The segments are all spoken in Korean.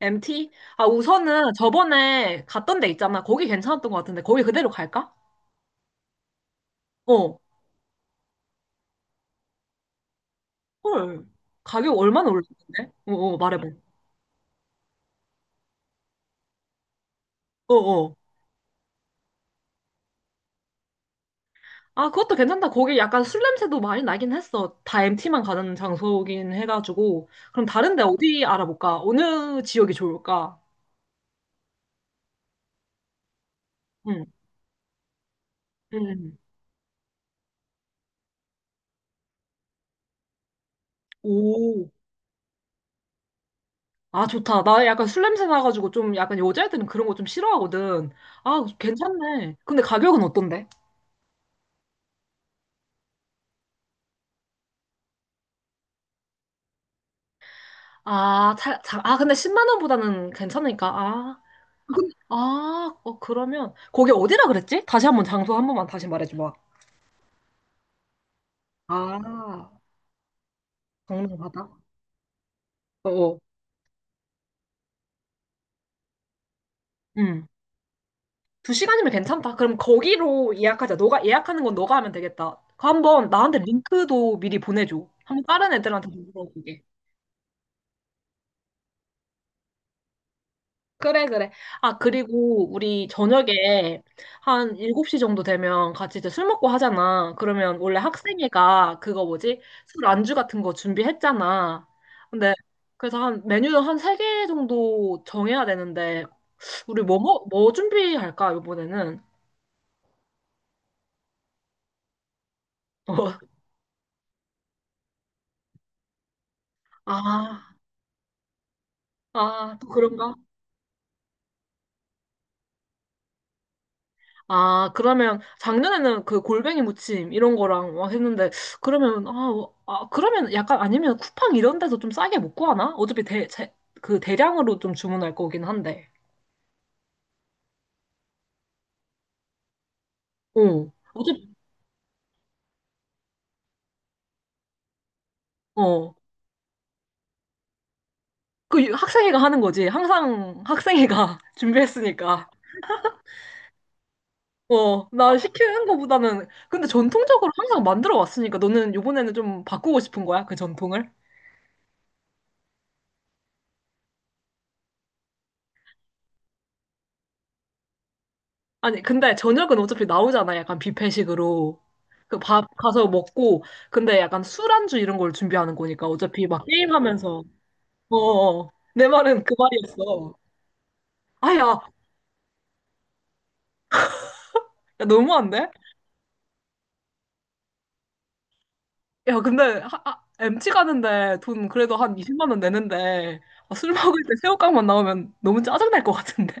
MT? 아, 우선은 저번에 갔던 데 있잖아. 거기 괜찮았던 것 같은데, 거기 그대로 갈까? 어. 헐. 가격 얼마나 올랐는데? 말해봐. 어, 어. 아, 그것도 괜찮다. 거기 약간 술 냄새도 많이 나긴 했어. 다 MT만 가는 장소긴 해가지고. 그럼 다른 데 어디 알아볼까? 어느 지역이 좋을까? 응, 응. 오. 아, 좋다. 나 약간 술 냄새 나가지고 좀 약간 여자애들은 그런 거 좀 싫어하거든. 아, 괜찮네. 근데 가격은 어떤데? 아, 아, 근데 10만 원보다는 괜찮으니까. 아, 아, 어, 그러면 거기 어디라 그랬지? 다시 한번 장소 한 번만 다시 말해줘봐. 아, 강릉 바다? 어어. 응. 두 시간이면 괜찮다. 그럼 거기로 예약하자. 너가 예약하는 건 너가 하면 되겠다. 그 한번 나한테 링크도 미리 보내줘. 한 번 다른 애들한테 좀 물어보게. 그래, 그래. 아, 그리고 우리 저녁에 한 7시 정도 되면 같이 이제 술 먹고 하잖아. 그러면 원래 학생회가 그거 뭐지? 술 안주 같은 거 준비했잖아. 근데 그래서 한 메뉴는 한 3개 정도 정해야 되는데 우리 뭐 준비할까, 이번에는? 어. 아, 아, 또 그런가? 아, 그러면 작년에는 그 골뱅이 무침 이런 거랑 막 했는데 그러면 아, 어, 아 그러면 약간 아니면 쿠팡 이런 데서 좀 싸게 못 구하나? 어차피 그 대량으로 좀 주문할 거긴 한데. 어. 어차피 어. 그 학생회가 하는 거지. 항상 학생회가 준비했으니까. 어, 나 시키는 거보다는 근데 전통적으로 항상 만들어 왔으니까 너는 요번에는 좀 바꾸고 싶은 거야? 그 전통을? 아니, 근데 저녁은 어차피 나오잖아. 약간 뷔페식으로. 그 밥 가서 먹고, 근데 약간 술안주 이런 걸 준비하는 거니까 어차피 막 게임하면서. 어어 어. 내 말은 그 말이었어. 아, 야, 야, 너무한데? 야, 근데 MT 가는데 돈 그래도 한 20만 원 내는데 아, 술 먹을 때 새우깡만 나오면 너무 짜증날 것 같은데.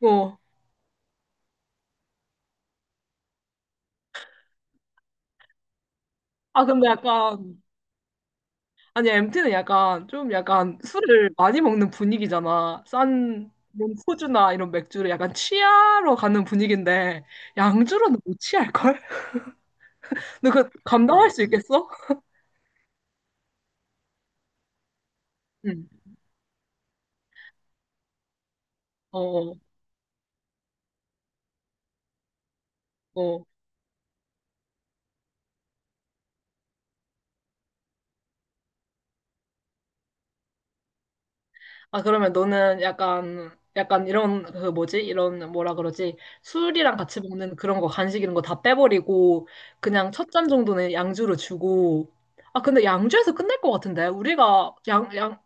어. 아, 근데 약간 아니, MT는 약간 좀 약간 술을 많이 먹는 분위기잖아. 싼 이런 소주나 이런 맥주를 약간 취하러 가는 분위기인데 양주로는 못 취할걸? 너 그 감당할 수 있겠어? 응. 어, 어. 어. 아, 그러면 너는 약간 약간 이런 그 뭐지? 이런 뭐라 그러지? 술이랑 같이 먹는 그런 거 간식 이런 거 다 빼버리고 그냥 첫 잔 정도는 양주로 주고 아, 근데 양주에서 끝날 것 같은데? 우리가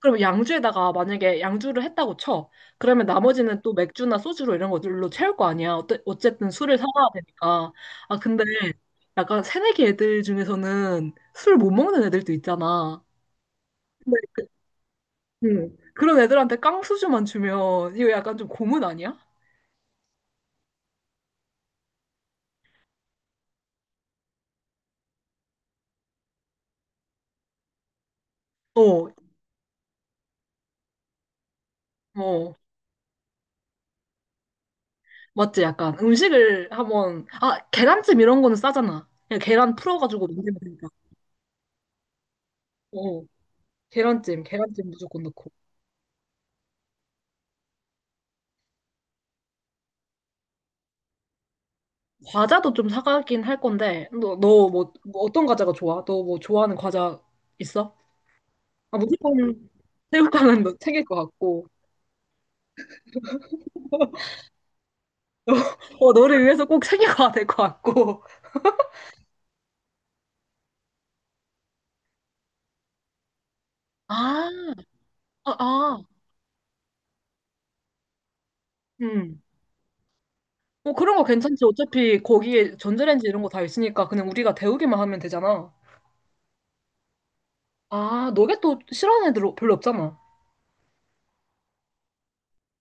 그럼 양주에다가 만약에 양주를 했다고 쳐. 그러면 나머지는 또 맥주나 소주로 이런 것들로 채울 거 아니야. 어때, 어쨌든 술을 사와야 되니까. 아, 근데 약간 새내기 애들 중에서는 술 못 먹는 애들도 있잖아. 근데 그, 응. 그런 애들한테 깡소주만 주면 이거 약간 좀 고문 아니야? 어, 어. 맞지? 약간 음식을 한번, 아, 계란찜 이런 거는 싸잖아. 그냥 계란 풀어가지고 만들면 되니까. 어, 계란찜 무조건 넣고. 과자도 좀 사가긴 할 건데, 너 뭐 어떤 과자가 좋아? 너 뭐 좋아하는 과자 있어? 아, 무조건 새우깡은 너 챙길 것 같고, 어, 너를 위해서 꼭 챙겨가야 될 것 같고. 아, 아, 아, 음. 뭐 그런 거 괜찮지. 어차피 거기에 전자레인지 이런 거 다 있으니까 그냥 우리가 데우기만 하면 되잖아. 아, 노겟도 싫어하는 애들 별로 없잖아.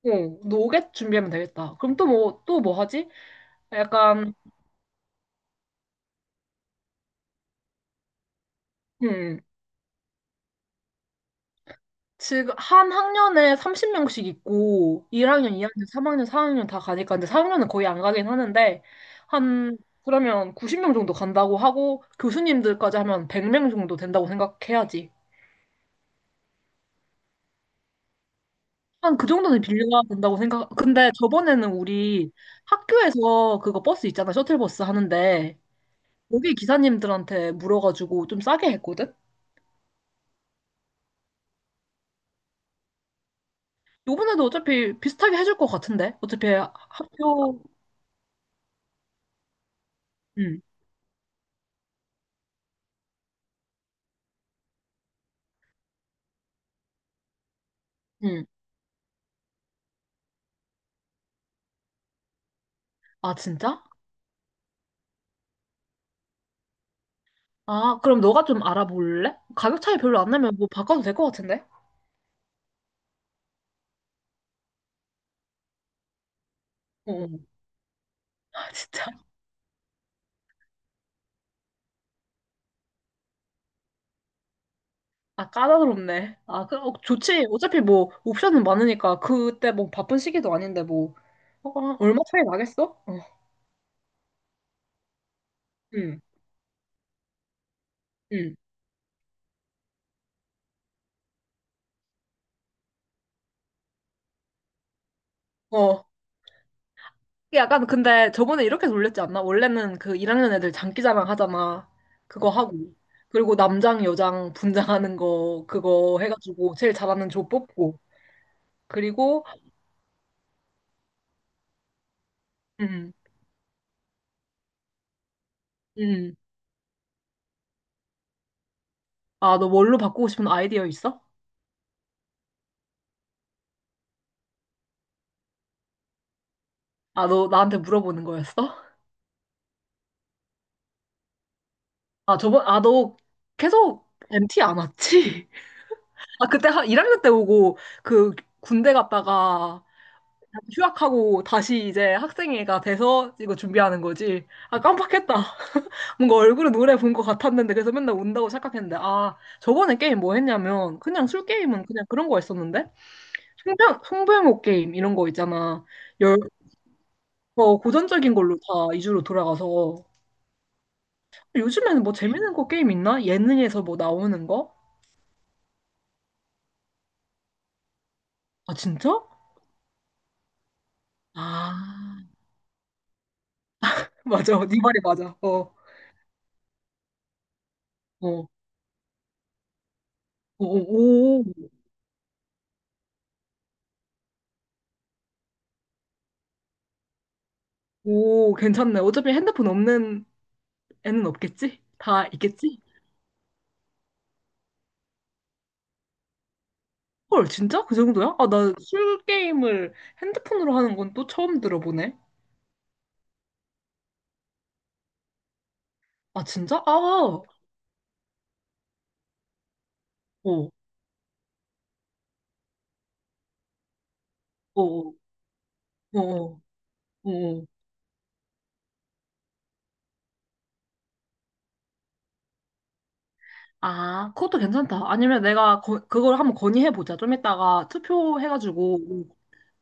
어, 노겟 준비하면 되겠다. 그럼 또 뭐 하지? 약간, 음. 지금 한 학년에 30명씩 있고 1학년, 2학년, 3학년, 4학년 다 가니까 근데 4학년은 거의 안 가긴 하는데 한 그러면 90명 정도 간다고 하고 교수님들까지 하면 100명 정도 된다고 생각해야지. 한 그 정도는 빌려야 된다고 생각. 근데 저번에는 우리 학교에서 그거 버스 있잖아. 셔틀버스 하는데 거기 기사님들한테 물어가지고 좀 싸게 했거든. 요번에도 어차피 비슷하게 해줄 것 같은데. 어차피 학교 응. 응. 아 진짜? 아, 그럼 너가 좀 알아볼래? 가격 차이 별로 안 나면 뭐 바꿔도 될 것 같은데? 어, 어. 아, 진짜. 아, 까다롭네. 아, 그, 어, 좋지. 어차피 뭐, 옵션은 많으니까, 그때 뭐, 바쁜 시기도 아닌데, 뭐, 어, 아, 얼마 차이 나겠어? 어, 응, 응. 어. 이게 약간, 근데 저번에 이렇게 놀렸지 않나? 원래는 그 1학년 애들 장기자랑 하잖아. 그거 하고. 그리고 남장, 여장 분장하는 거, 그거 해가지고, 제일 잘하는 조 뽑고. 그리고, 응 응 아, 너 뭘로 바꾸고 싶은 아이디어 있어? 아, 너 나한테 물어보는 거였어? 아, 저번, 아, 너 계속 MT 안 왔지? 아, 그때 한 1학년 때 오고 그 군대 갔다가 휴학하고 다시 이제 학생회가 돼서 이거 준비하는 거지. 아, 깜빡했다. 뭔가 얼굴은 노래 본 것 같았는데 그래서 맨날 온다고 생각했는데 아, 저번에 게임 뭐 했냐면 그냥 술 게임은 그냥 그런 거 했었는데 송병호 게임 이런 거 있잖아. 열, 어, 고전적인 걸로 다 2주로 돌아가서 요즘에는 뭐 재밌는 거 게임 있나? 예능에서 뭐 나오는 거? 아, 진짜? 아, 맞아. 네 말이 맞아. 어, 어, 어, 오, 오, 오, 괜찮네. 어차피 핸드폰 없는 애는 없겠지? 다 있겠지? 헐, 진짜? 그 정도야? 아, 나 술 게임을 핸드폰으로 하는 건 또 처음 들어보네. 아, 진짜? 아, 어, 어, 어, 어, 어. 어. 아, 그것도 괜찮다. 아니면 내가 그걸 한번 건의해보자. 좀 이따가 투표해가지고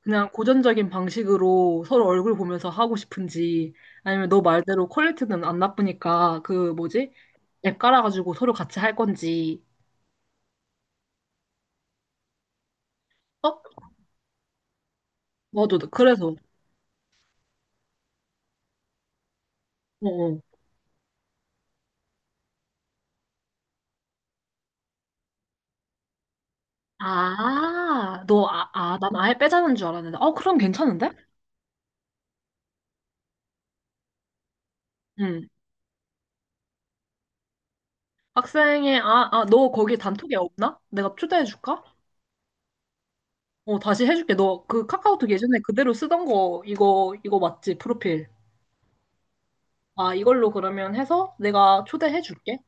그냥 고전적인 방식으로 서로 얼굴 보면서 하고 싶은지 아니면 너 말대로 퀄리티는 안 나쁘니까 그 뭐지? 앱 깔아가지고 서로 같이 할 건지. 어? 맞아. 그래서. 어. 어. 난 아예 빼자는 줄 알았는데. 어, 그럼 괜찮은데? 응. 너 거기 단톡에 없나? 내가 초대해줄까? 어, 다시 해줄게. 너 그 카카오톡 예전에 그대로 쓰던 거, 이거 맞지? 프로필. 아, 이걸로 그러면 해서 내가 초대해줄게.